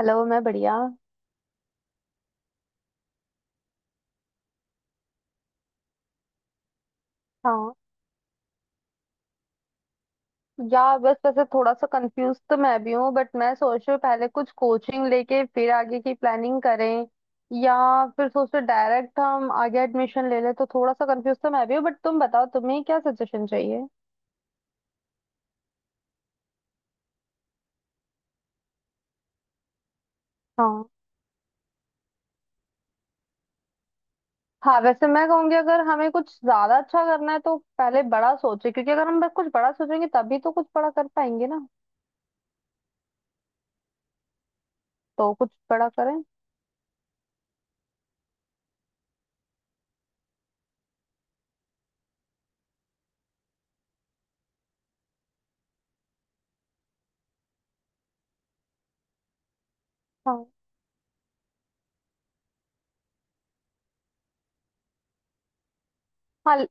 Hello, मैं बढ़िया। हाँ यार, बस वैसे थोड़ा सा कंफ्यूज तो मैं भी हूँ, बट मैं सोच रही हूँ पहले कुछ कोचिंग लेके फिर आगे की प्लानिंग करें। या फिर सोच रहे डायरेक्ट हम आगे एडमिशन ले लें। तो थोड़ा सा कंफ्यूज तो मैं भी हूँ, बट तुम बताओ तुम्हें क्या सजेशन चाहिए। हाँ। हाँ वैसे मैं कहूंगी, अगर हमें कुछ ज्यादा अच्छा करना है तो पहले बड़ा सोचें, क्योंकि अगर हम बस कुछ बड़ा सोचेंगे तभी तो कुछ बड़ा कर पाएंगे ना। तो कुछ बड़ा करें। हाँ। हाँ,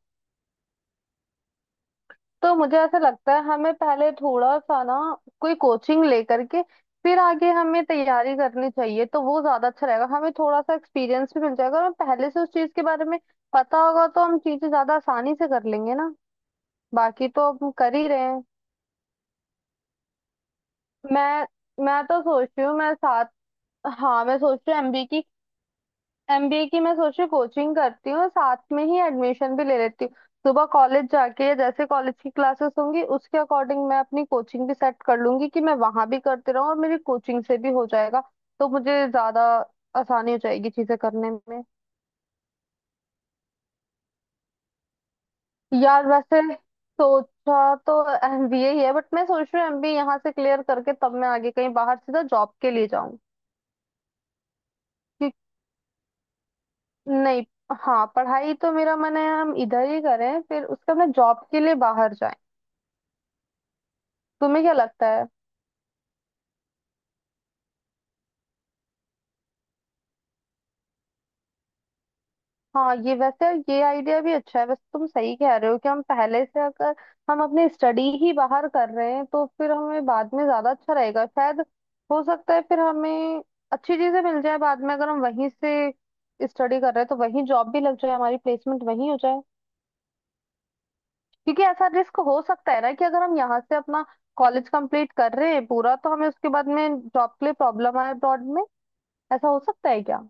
तो मुझे ऐसा लगता है हमें पहले थोड़ा सा ना कोई कोचिंग लेकर के फिर आगे हमें तैयारी करनी चाहिए। तो वो ज्यादा अच्छा रहेगा, हमें थोड़ा सा एक्सपीरियंस भी मिल जाएगा और हमें पहले से उस चीज के बारे में पता होगा तो हम चीजें ज्यादा आसानी से कर लेंगे ना। बाकी तो अब हम कर ही रहे हैं। मैं मैं तो सोच रही हूँ मैं साथ। हाँ मैं सोच रही हूँ एमबी की। एमबीए की मैं सोच रही, कोचिंग करती हूँ साथ में ही एडमिशन भी ले लेती हूँ। सुबह कॉलेज जाके, जैसे कॉलेज की क्लासेस होंगी उसके अकॉर्डिंग मैं अपनी कोचिंग भी सेट कर लूंगी कि मैं वहां भी करती रहूँ और मेरी कोचिंग से भी हो जाएगा। तो मुझे ज्यादा आसानी हो जाएगी चीजें करने में। यार वैसे सोचा तो एमबीए ही है, बट मैं सोच रही हूँ एमबीए यहाँ से क्लियर करके तब मैं आगे कहीं बाहर सीधा जॉब के लिए जाऊँ। कि नहीं। हाँ, पढ़ाई तो मेरा मन है हम इधर ही करें, फिर उसके बाद मैं जॉब के लिए बाहर जाए। तुम्हें क्या लगता है? हाँ ये वैसे, ये आइडिया भी अच्छा है। वैसे तुम सही कह रहे हो कि हम पहले से अगर हम अपनी स्टडी ही बाहर कर रहे हैं तो फिर हमें बाद में ज्यादा अच्छा रहेगा शायद। हो सकता है फिर हमें अच्छी चीजें मिल जाए बाद में, अगर हम वहीं से स्टडी कर रहे हैं तो वहीं जॉब भी लग जाए, हमारी प्लेसमेंट वहीं हो जाए। क्योंकि ऐसा रिस्क हो सकता है ना कि अगर हम यहाँ से अपना कॉलेज कंप्लीट कर रहे हैं पूरा, तो हमें उसके बाद में जॉब के लिए प्रॉब्लम आए अब्रॉड में। ऐसा हो सकता है क्या?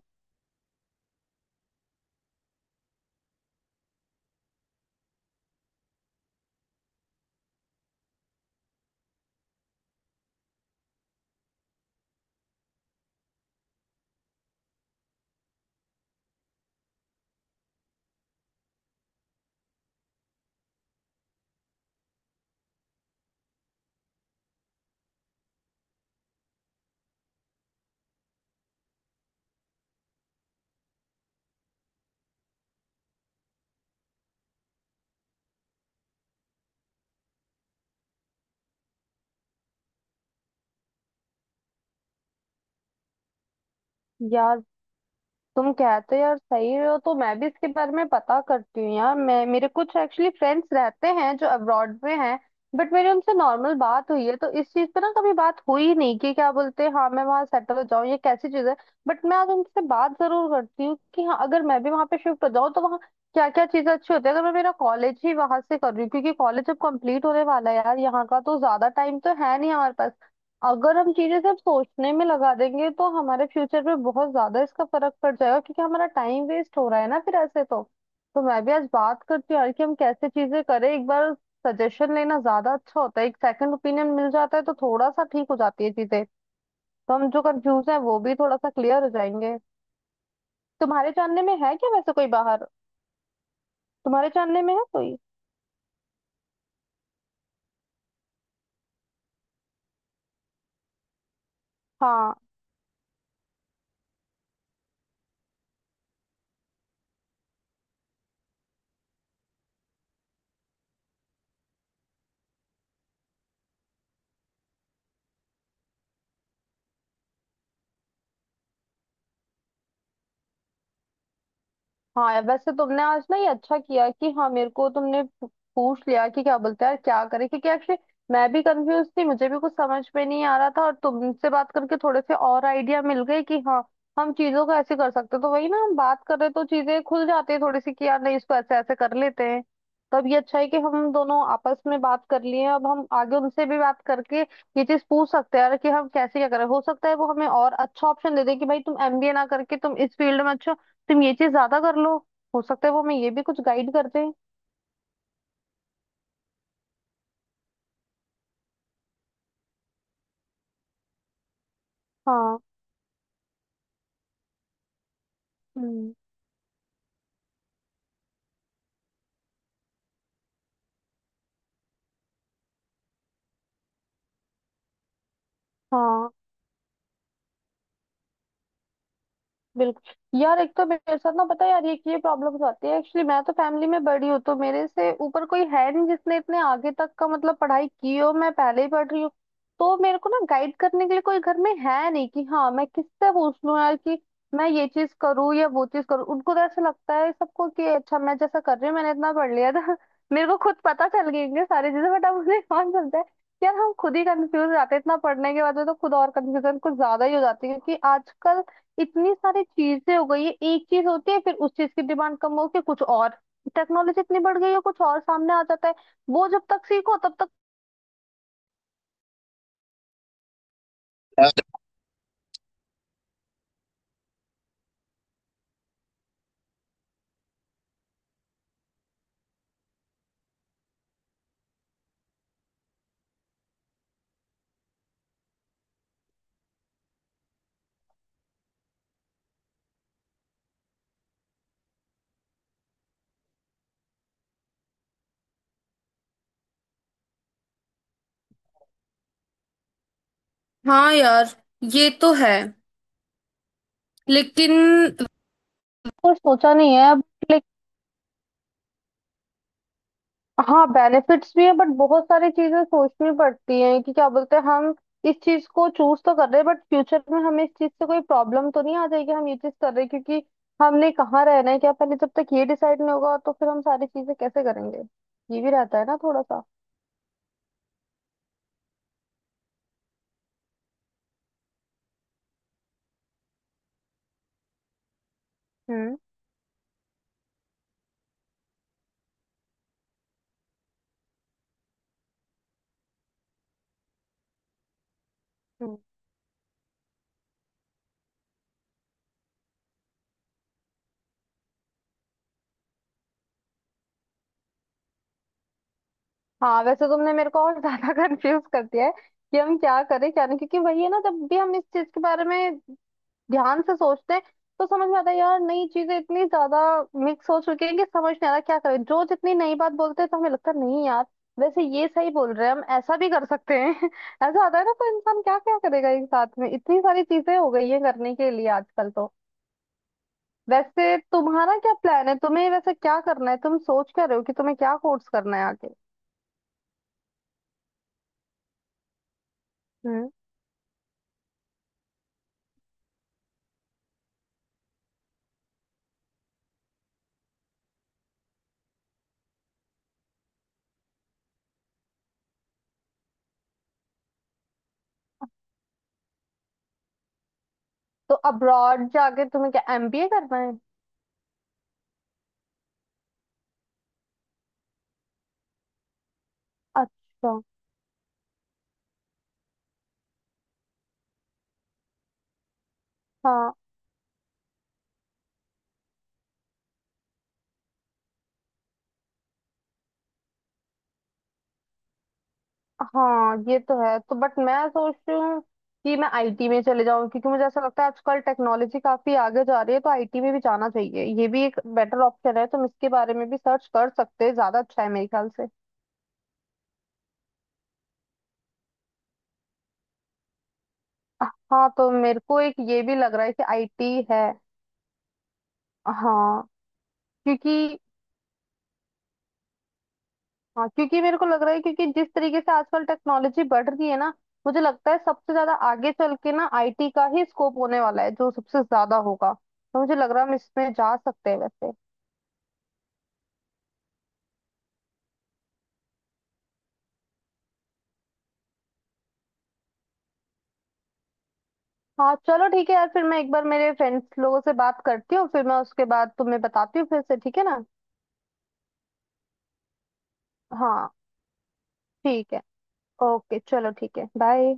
यार तुम कहते हो यार सही हो, तो मैं भी इसके बारे में पता करती हूँ यार। मैं मेरे कुछ एक्चुअली फ्रेंड्स रहते हैं जो अब्रॉड में हैं, बट मेरी उनसे नॉर्मल बात हुई है, तो इस चीज पे ना कभी बात हुई नहीं कि क्या बोलते हैं, हाँ मैं वहां सेटल हो जाऊँ ये कैसी चीज है। बट मैं आज उनसे बात जरूर करती हूँ कि हाँ अगर मैं भी वहां पे शिफ्ट हो जाऊँ तो वहाँ क्या क्या चीजें अच्छी होती है, अगर मैं मेरा कॉलेज ही वहां से कर रही हूँ, क्योंकि कॉलेज अब कंप्लीट होने वाला है यार, यहाँ का तो ज्यादा टाइम तो है नहीं हमारे पास। अगर हम चीजें सिर्फ सोचने में लगा देंगे तो हमारे फ्यूचर पे बहुत ज्यादा इसका फर्क पड़ जाएगा, क्योंकि हमारा टाइम वेस्ट हो रहा है ना फिर ऐसे तो। तो मैं भी आज बात करती हूँ यार कि हम कैसे चीजें करें एक बार। सजेशन लेना ज्यादा अच्छा होता है, एक सेकंड ओपिनियन मिल जाता है तो थोड़ा सा ठीक हो जाती है चीजें। तो हम जो कंफ्यूज है वो भी थोड़ा सा क्लियर हो जाएंगे। तुम्हारे जानने में है क्या वैसे कोई बाहर? तुम्हारे जानने में है कोई? हाँ। हाँ यार, वैसे तुमने आज ना ये अच्छा किया कि हाँ मेरे को तुमने पूछ लिया कि क्या बोलते हैं यार क्या करें, क्योंकि एक्चुअली मैं भी कंफ्यूज थी, मुझे भी कुछ समझ में नहीं आ रहा था, और तुमसे बात करके थोड़े से और आइडिया मिल गए कि हाँ हम चीजों को ऐसे कर सकते हैं। तो वही ना, हम बात कर रहे तो चीजें खुल जाती है थोड़ी सी कि यार नहीं इसको ऐसे ऐसे कर लेते हैं। तब ये अच्छा है कि हम दोनों आपस में बात कर लिए, अब हम आगे उनसे भी बात करके ये चीज पूछ सकते हैं यार कि हम कैसे क्या करें। हो सकता है वो हमें और अच्छा ऑप्शन दे दे कि भाई तुम एमबीए ना करके तुम इस फील्ड में अच्छा, तुम ये चीज ज्यादा कर लो। हो सकता है वो हमें ये भी कुछ गाइड कर दें। हाँ। हम्म। हाँ बिल्कुल यार, एक तो मेरे साथ ना पता है यार ये प्रॉब्लम्स आती है, एक्चुअली मैं तो फैमिली में बड़ी हूँ, तो मेरे से ऊपर कोई है नहीं जिसने इतने आगे तक का मतलब पढ़ाई की हो, मैं पहले ही पढ़ रही हूँ। तो मेरे को ना गाइड करने के लिए कोई घर में है नहीं कि हाँ मैं किससे पूछ लूँ यार कि मैं ये चीज करूँ या वो चीज करूँ। उनको तो ऐसा लगता है सबको कि अच्छा मैं जैसा कर रही हूँ, मैंने इतना पढ़ लिया था मेरे को खुद पता चल गई इनके सारी चीजें, बट अब उन्हें कौन समझता है। यार हम खुद ही कंफ्यूज हो जाते हैं इतना पढ़ने के बाद में, तो खुद और कंफ्यूजन कुछ ज्यादा ही हो जाती है, क्योंकि आजकल इतनी सारी चीजें हो गई है, एक चीज होती है फिर उस चीज की डिमांड कम होके कुछ और, टेक्नोलॉजी इतनी बढ़ गई है कुछ और सामने आ जाता है, वो जब तक सीखो तब तक। हाँ यार ये तो है, लेकिन कुछ सोचा नहीं है अब। हाँ बेनिफिट्स भी हैं, बट बहुत सारी चीजें सोचनी पड़ती हैं कि क्या बोलते हैं हम इस चीज को चूज तो कर रहे हैं, बट फ्यूचर में हमें इस चीज से कोई प्रॉब्लम तो नहीं आ जाएगी, हम ये चीज कर रहे हैं क्योंकि हमने कहाँ रहना है क्या पहले, जब तक ये डिसाइड नहीं होगा तो फिर हम सारी चीजें कैसे करेंगे। ये भी रहता है ना थोड़ा सा। हम्म। हम्म। हाँ वैसे तुमने मेरे को और ज्यादा कंफ्यूज कर दिया है कि हम क्या करें क्या नहीं, क्योंकि वही है ना, जब भी हम इस चीज के बारे में ध्यान से सोचते हैं तो समझ में आता है यार नई चीजें इतनी ज्यादा मिक्स हो चुकी हैं कि समझ नहीं आ रहा क्या करें। जो जितनी नई बात बोलते हैं तो हमें लगता है नहीं यार वैसे ये सही बोल रहे हैं, हम ऐसा भी कर सकते हैं ऐसा आता है ना, तो इंसान क्या क्या करेगा, एक साथ में इतनी सारी चीजें हो गई है करने के लिए आजकल तो। वैसे तुम्हारा क्या प्लान है, तुम्हें वैसे क्या करना है, तुम सोच क्या रहे हो कि तुम्हें क्या कोर्स करना है आगे? हम्म। तो अब्रॉड जाके तुम्हें क्या एमबीए करना है? अच्छा। हाँ। हाँ ये तो है, तो बट मैं सोच रही हूँ कि मैं आईटी में चले जाऊँ, क्योंकि मुझे ऐसा लगता है आजकल टेक्नोलॉजी काफी आगे जा रही है तो आईटी में भी जाना चाहिए, ये भी एक बेटर ऑप्शन है, तुम इसके बारे में भी सर्च कर सकते हैं, ज्यादा अच्छा है मेरे ख्याल से। हाँ तो मेरे को एक ये भी लग रहा है कि आईटी है। हाँ क्योंकि, हाँ क्योंकि मेरे को लग रहा है क्योंकि जिस तरीके से आजकल टेक्नोलॉजी बढ़ रही है ना, मुझे लगता है सबसे ज्यादा आगे चल के ना आईटी का ही स्कोप होने वाला है जो सबसे ज्यादा होगा। तो मुझे लग रहा है हम इसमें जा सकते हैं वैसे। हाँ चलो ठीक है यार, फिर मैं एक बार मेरे फ्रेंड्स लोगों से बात करती हूँ, फिर मैं उसके बाद तुम्हें बताती हूँ फिर से, ठीक है ना? हाँ ठीक है। ओके चलो ठीक है, बाय।